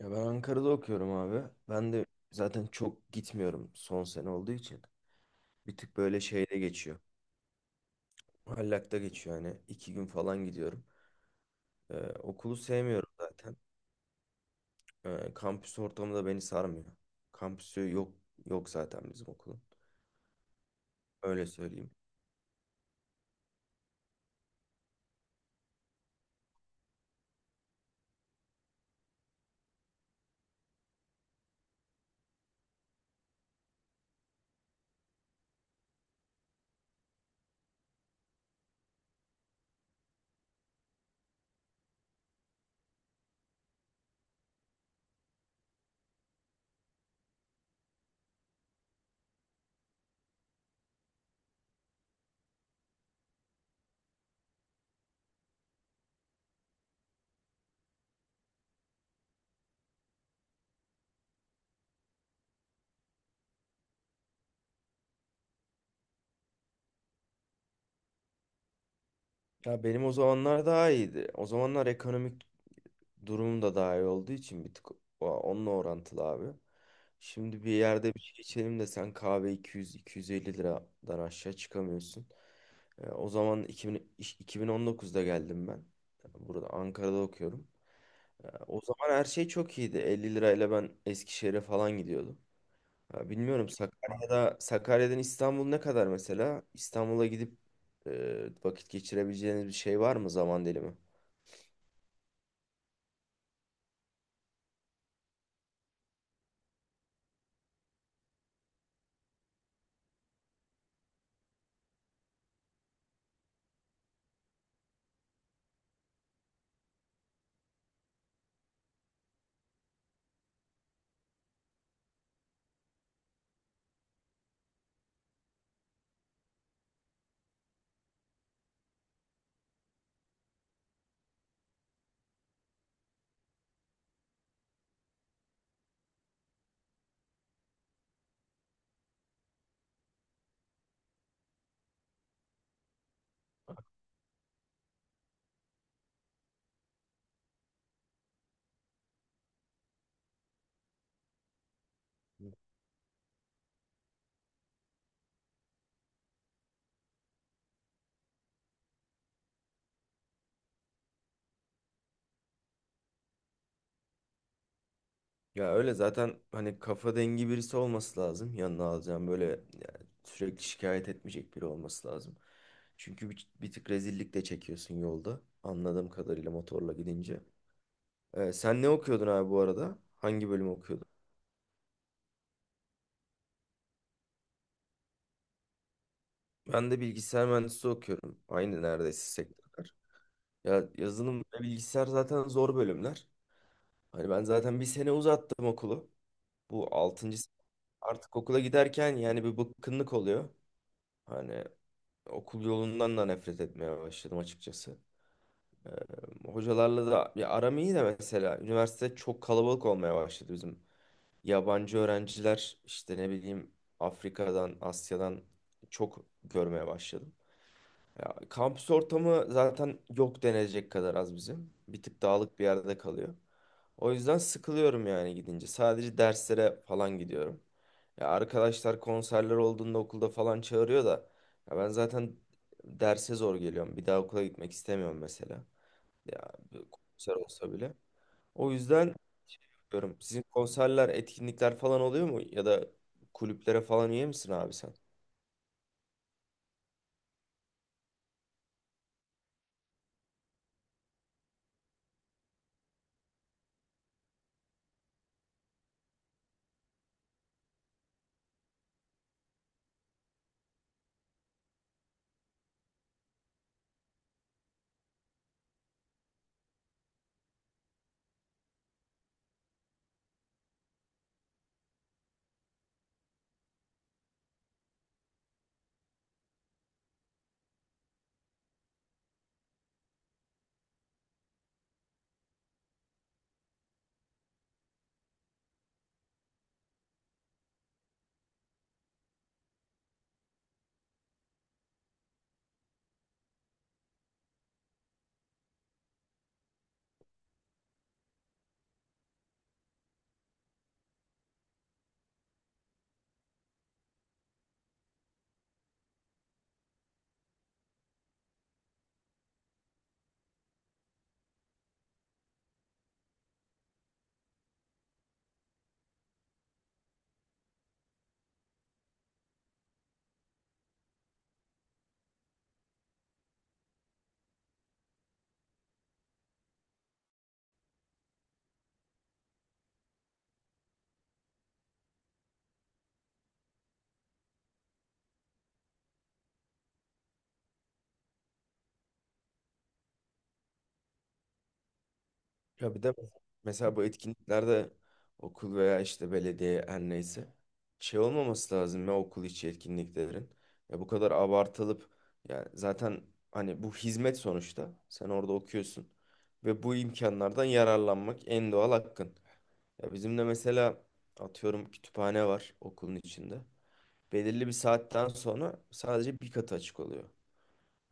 Ya ben Ankara'da okuyorum abi. Ben de zaten çok gitmiyorum son sene olduğu için. Bir tık böyle şeyde geçiyor. Hallak'ta geçiyor yani. 2 gün falan gidiyorum. Ee, Okulu sevmiyorum zaten. Kampüs ortamı da beni sarmıyor. Kampüsü yok zaten bizim okulun. Öyle söyleyeyim. Ya benim o zamanlar daha iyiydi. O zamanlar ekonomik durum da daha iyi olduğu için bir tık onunla orantılı abi. Şimdi bir yerde bir şey içelim de sen kahve 200 250 liradan aşağı çıkamıyorsun. O zaman 2019'da geldim ben. Burada Ankara'da okuyorum. O zaman her şey çok iyiydi. 50 lirayla ben Eskişehir'e falan gidiyordum. Ya bilmiyorum Sakarya'dan İstanbul ne kadar mesela? İstanbul'a gidip vakit geçirebileceğiniz bir şey var mı zaman dilimi? Ya öyle zaten hani kafa dengi birisi olması lazım. Yanına alacağım böyle yani sürekli şikayet etmeyecek biri olması lazım. Çünkü bir tık rezillik de çekiyorsun yolda. Anladığım kadarıyla motorla gidince. Sen ne okuyordun abi bu arada? Hangi bölüm okuyordun? Ben de bilgisayar mühendisliği okuyorum. Aynı neredeyse sektörler. Ya yazılım ve bilgisayar zaten zor bölümler. Hani ben zaten bir sene uzattım okulu. Bu 6. Artık okula giderken yani bir bıkkınlık oluyor. Hani okul yolundan da nefret etmeye başladım açıkçası. Ee, Hocalarla da ya aram iyi de mesela üniversite çok kalabalık olmaya başladı bizim. Yabancı öğrenciler işte ne bileyim Afrika'dan, Asya'dan çok görmeye başladım. Ya, kampüs ortamı zaten yok denecek kadar az bizim. Bir tık dağlık bir yerde kalıyor. O yüzden sıkılıyorum yani gidince. Sadece derslere falan gidiyorum. Ya arkadaşlar konserler olduğunda okulda falan çağırıyor da ya ben zaten derse zor geliyorum. Bir daha okula gitmek istemiyorum mesela. Ya bir konser olsa bile. O yüzden diyorum. Sizin konserler, etkinlikler falan oluyor mu? Ya da kulüplere falan üye misin abi sen? Ya bir de mesela bu etkinliklerde okul veya işte belediye her neyse şey olmaması lazım ya okul içi etkinliklerin. Ya bu kadar abartılıp yani zaten hani bu hizmet sonuçta sen orada okuyorsun ve bu imkanlardan yararlanmak en doğal hakkın. Ya bizim de mesela atıyorum kütüphane var okulun içinde. Belirli bir saatten sonra sadece bir katı açık oluyor.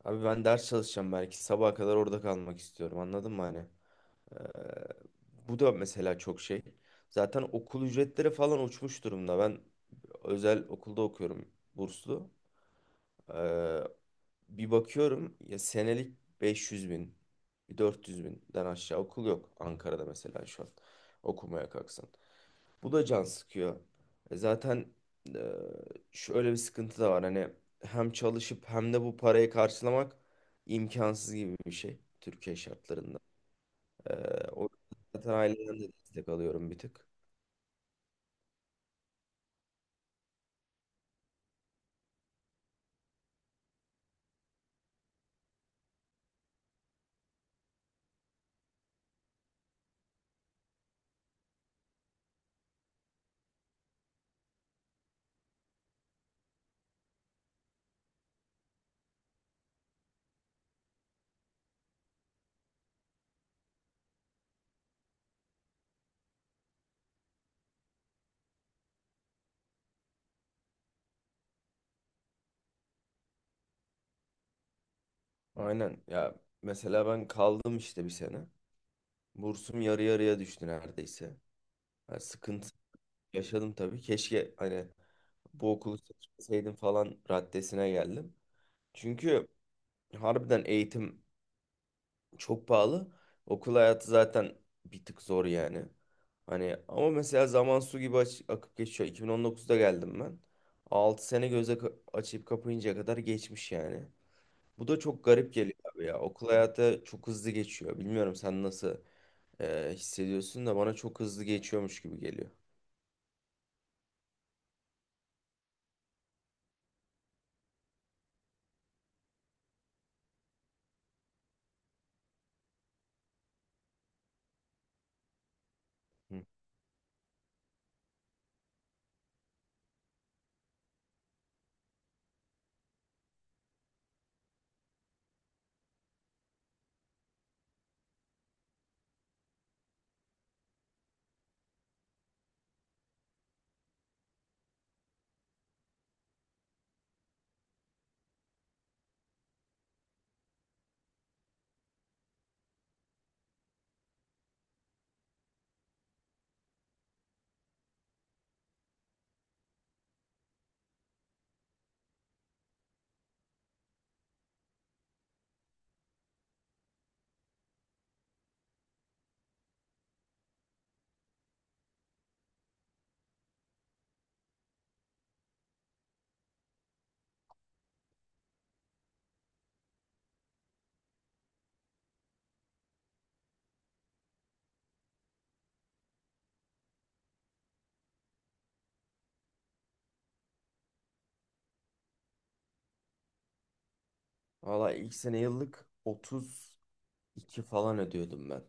Abi ben ders çalışacağım belki sabaha kadar orada kalmak istiyorum anladın mı hani? Ee, Bu da mesela çok şey. Zaten okul ücretleri falan uçmuş durumda. Ben özel okulda okuyorum burslu. Ee, Bir bakıyorum ya senelik 500 bin, 400 binden aşağı okul yok Ankara'da mesela şu an okumaya kalksan. Bu da can sıkıyor. Zaten e, şöyle bir sıkıntı da var. Hani hem çalışıp hem de bu parayı karşılamak imkansız gibi bir şey Türkiye şartlarında. Ee, O zaten aileden de destek alıyorum bir tık. Aynen ya mesela ben kaldım işte bir sene. Bursum yarı yarıya düştü neredeyse. Yani sıkıntı yaşadım tabii. Keşke hani bu okulu seçmeseydim falan raddesine geldim. Çünkü harbiden eğitim çok pahalı. Okul hayatı zaten bir tık zor yani. Hani ama mesela zaman su gibi akıp geçiyor. 2019'da geldim ben. 6 sene göze açıp kapayıncaya kadar geçmiş yani. Bu da çok garip geliyor abi ya. Okul hayatı çok hızlı geçiyor. Bilmiyorum sen nasıl hissediyorsun da bana çok hızlı geçiyormuş gibi geliyor. Hı. Valla ilk sene yıllık 32 falan ödüyordum ben.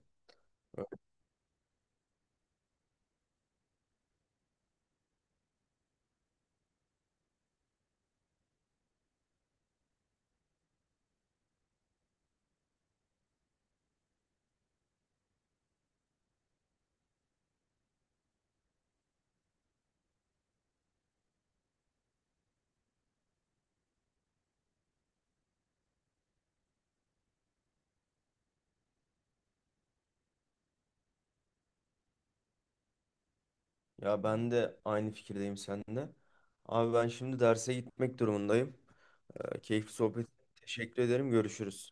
Ya ben de aynı fikirdeyim seninle. Abi ben şimdi derse gitmek durumundayım. Keyifli sohbet. Teşekkür ederim. Görüşürüz.